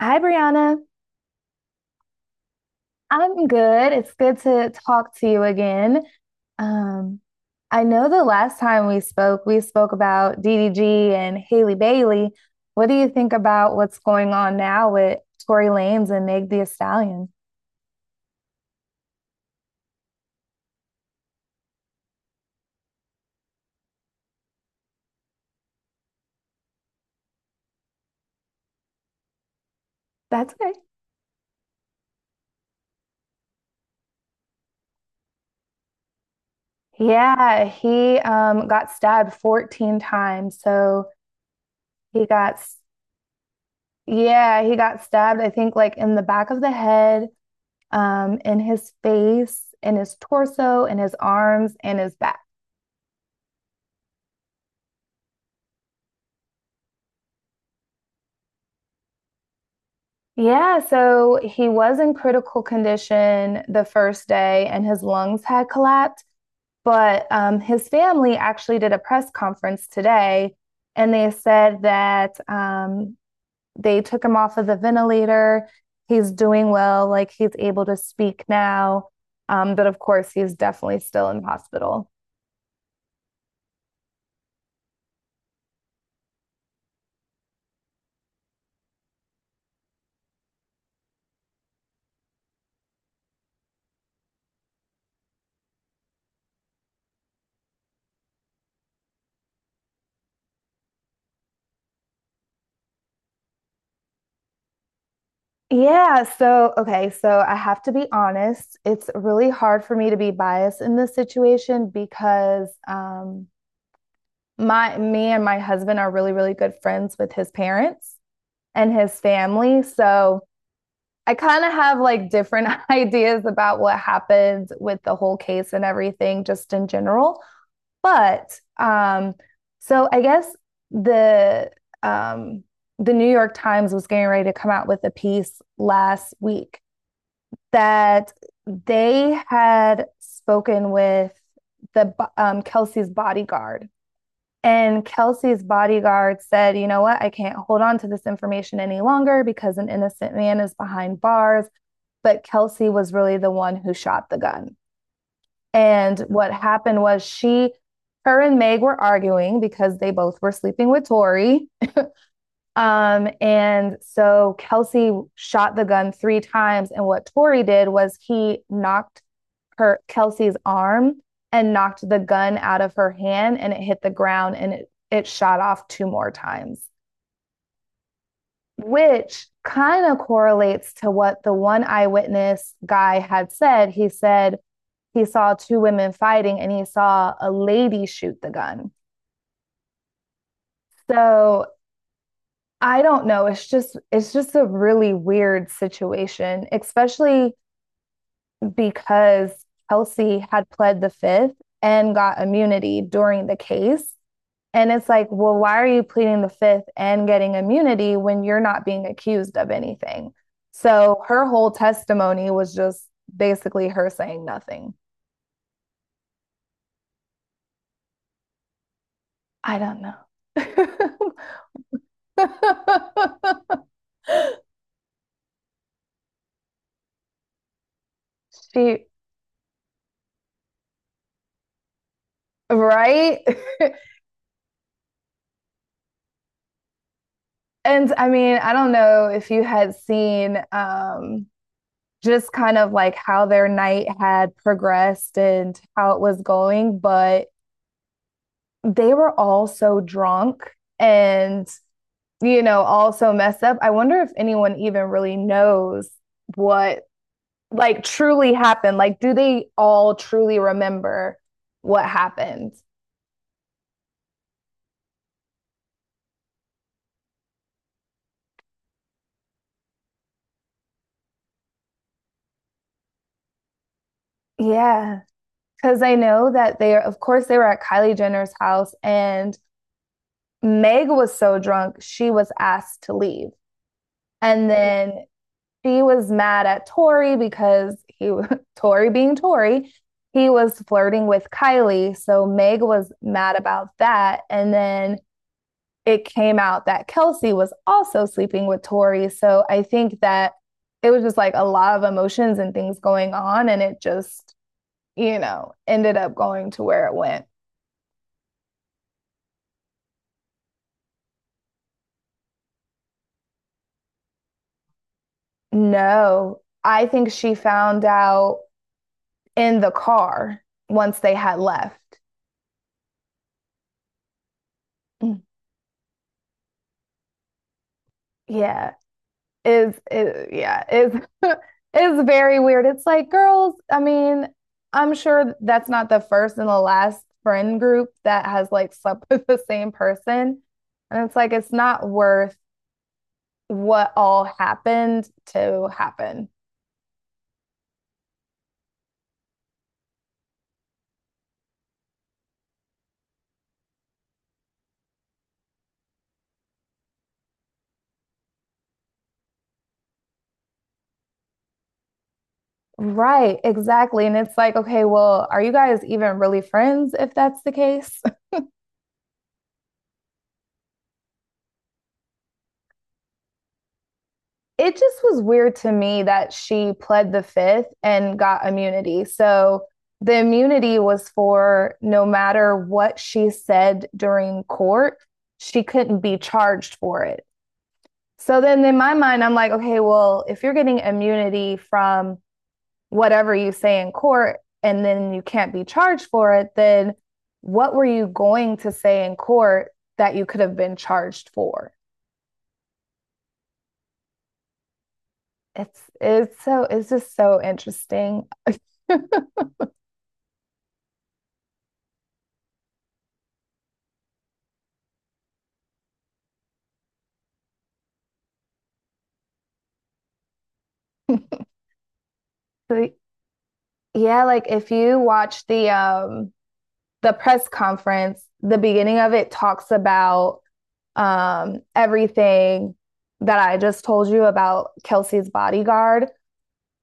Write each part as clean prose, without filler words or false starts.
Hi, Brianna. I'm good. It's good to talk to you again. Um, I know the last time we spoke about DDG and Haley Bailey. What do you think about what's going on now with Tory Lanez and Meg Thee Stallion? That's okay. Yeah, he got stabbed 14 times. So, he got yeah, he got stabbed, I think, like in the back of the head, in his face, in his torso, in his arms, and his back. Yeah, so he was in critical condition the first day and his lungs had collapsed. But his family actually did a press conference today and they said that they took him off of the ventilator. He's doing well, like he's able to speak now. But of course, he's definitely still in hospital. Yeah, so okay, so I have to be honest, it's really hard for me to be biased in this situation because my me and my husband are really good friends with his parents and his family, so I kind of have like different ideas about what happened with the whole case and everything just in general. But so I guess the um the New York Times was getting ready to come out with a piece last week that they had spoken with the Kelsey's bodyguard. And Kelsey's bodyguard said, you know what, I can't hold on to this information any longer because an innocent man is behind bars. But Kelsey was really the one who shot the gun. And what happened was, her and Meg were arguing because they both were sleeping with Tori. And so Kelsey shot the gun three times. And what Tori did was he knocked her Kelsey's arm and knocked the gun out of her hand and it hit the ground and it shot off two more times, which kind of correlates to what the one eyewitness guy had said. He said he saw two women fighting and he saw a lady shoot the gun. So I don't know. It's just a really weird situation, especially because Kelsey had pled the fifth and got immunity during the case. And it's like, well, why are you pleading the fifth and getting immunity when you're not being accused of anything? So her whole testimony was just basically her saying nothing. I don't know. she, right? And I mean, I don't know if you had seen, just kind of like how their night had progressed and how it was going, but they were all so drunk and, you know, all so messed up. I wonder if anyone even really knows what, like, truly happened. Like, do they all truly remember what happened? Yeah. Cause I know that, they of course, they were at Kylie Jenner's house and Meg was so drunk, she was asked to leave. And then she was mad at Tori because he, Tori being Tori, he was flirting with Kylie. So Meg was mad about that. And then it came out that Kelsey was also sleeping with Tori. So I think that it was just like a lot of emotions and things going on. And it just, you know, ended up going to where it went. No, I think she found out in the car once they had left. Yeah. Is, yeah, is is very weird. It's like, girls, I mean, I'm sure that's not the first and the last friend group that has like slept with the same person. And it's like, it's not worth what all happened to happen. Right, exactly. And it's like, okay, well, are you guys even really friends if that's the case? It just was weird to me that she pled the fifth and got immunity. So the immunity was for, no matter what she said during court, she couldn't be charged for it. So then in my mind, I'm like, okay, well, if you're getting immunity from whatever you say in court and then you can't be charged for it, then what were you going to say in court that you could have been charged for? It's so, it's just so interesting. So, yeah, like if you watch the press conference, the beginning of it talks about, everything that I just told you about Kelsey's bodyguard.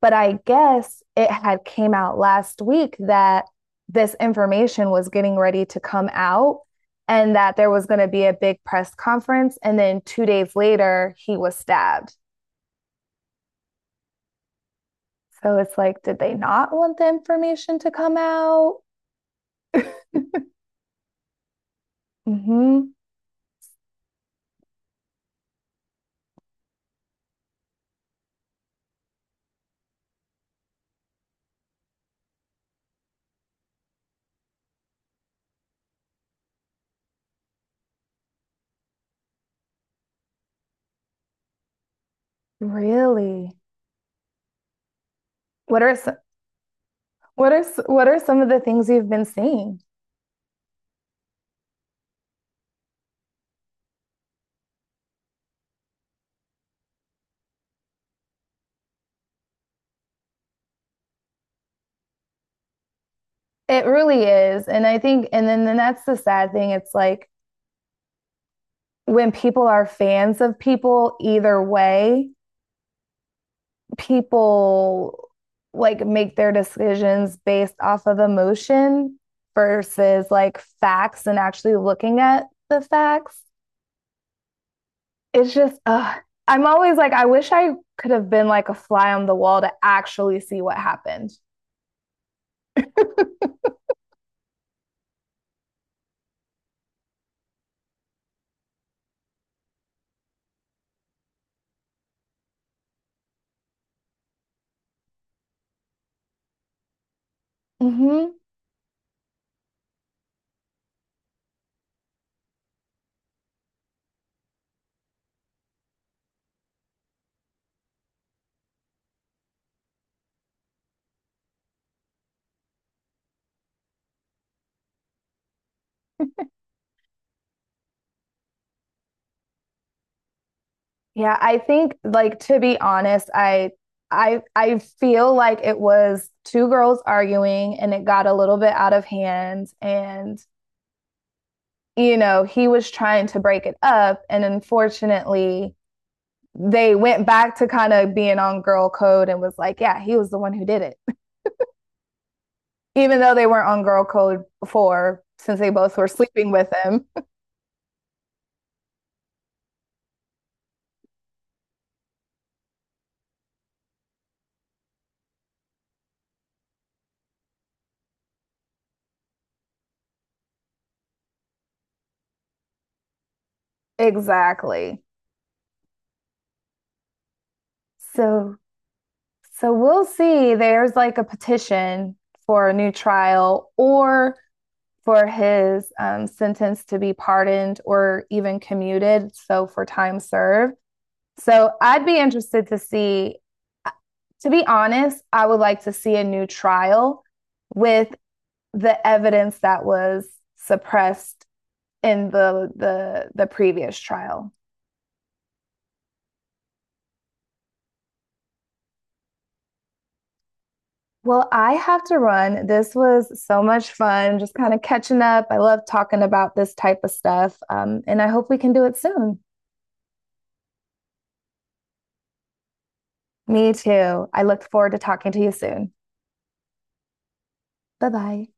But I guess it had came out last week that this information was getting ready to come out and that there was going to be a big press conference. And then 2 days later, he was stabbed. So it's like, did they not want the information to come out? Hmm. Really? What are some, what are some of the things you've been seeing? It really is, and I think, and then that's the sad thing. It's like when people are fans of people, either way, people like make their decisions based off of emotion versus like facts and actually looking at the facts. It's just, ugh. I'm always like, I wish I could have been like a fly on the wall to actually see what happened. Hmm. Yeah, I think, like, to be honest, I feel like it was two girls arguing and it got a little bit out of hand and, you know, he was trying to break it up and unfortunately they went back to kind of being on girl code and was like, yeah, he was the one who did it. Even though they weren't on girl code before since they both were sleeping with him. Exactly. So, so we'll see. There's like a petition for a new trial or for his, sentence to be pardoned or even commuted. So, for time served. So I'd be interested to see, to be honest, I would like to see a new trial with the evidence that was suppressed in the previous trial. Well, I have to run. This was so much fun, just kind of catching up. I love talking about this type of stuff, and I hope we can do it soon. Me too. I look forward to talking to you soon. Bye bye.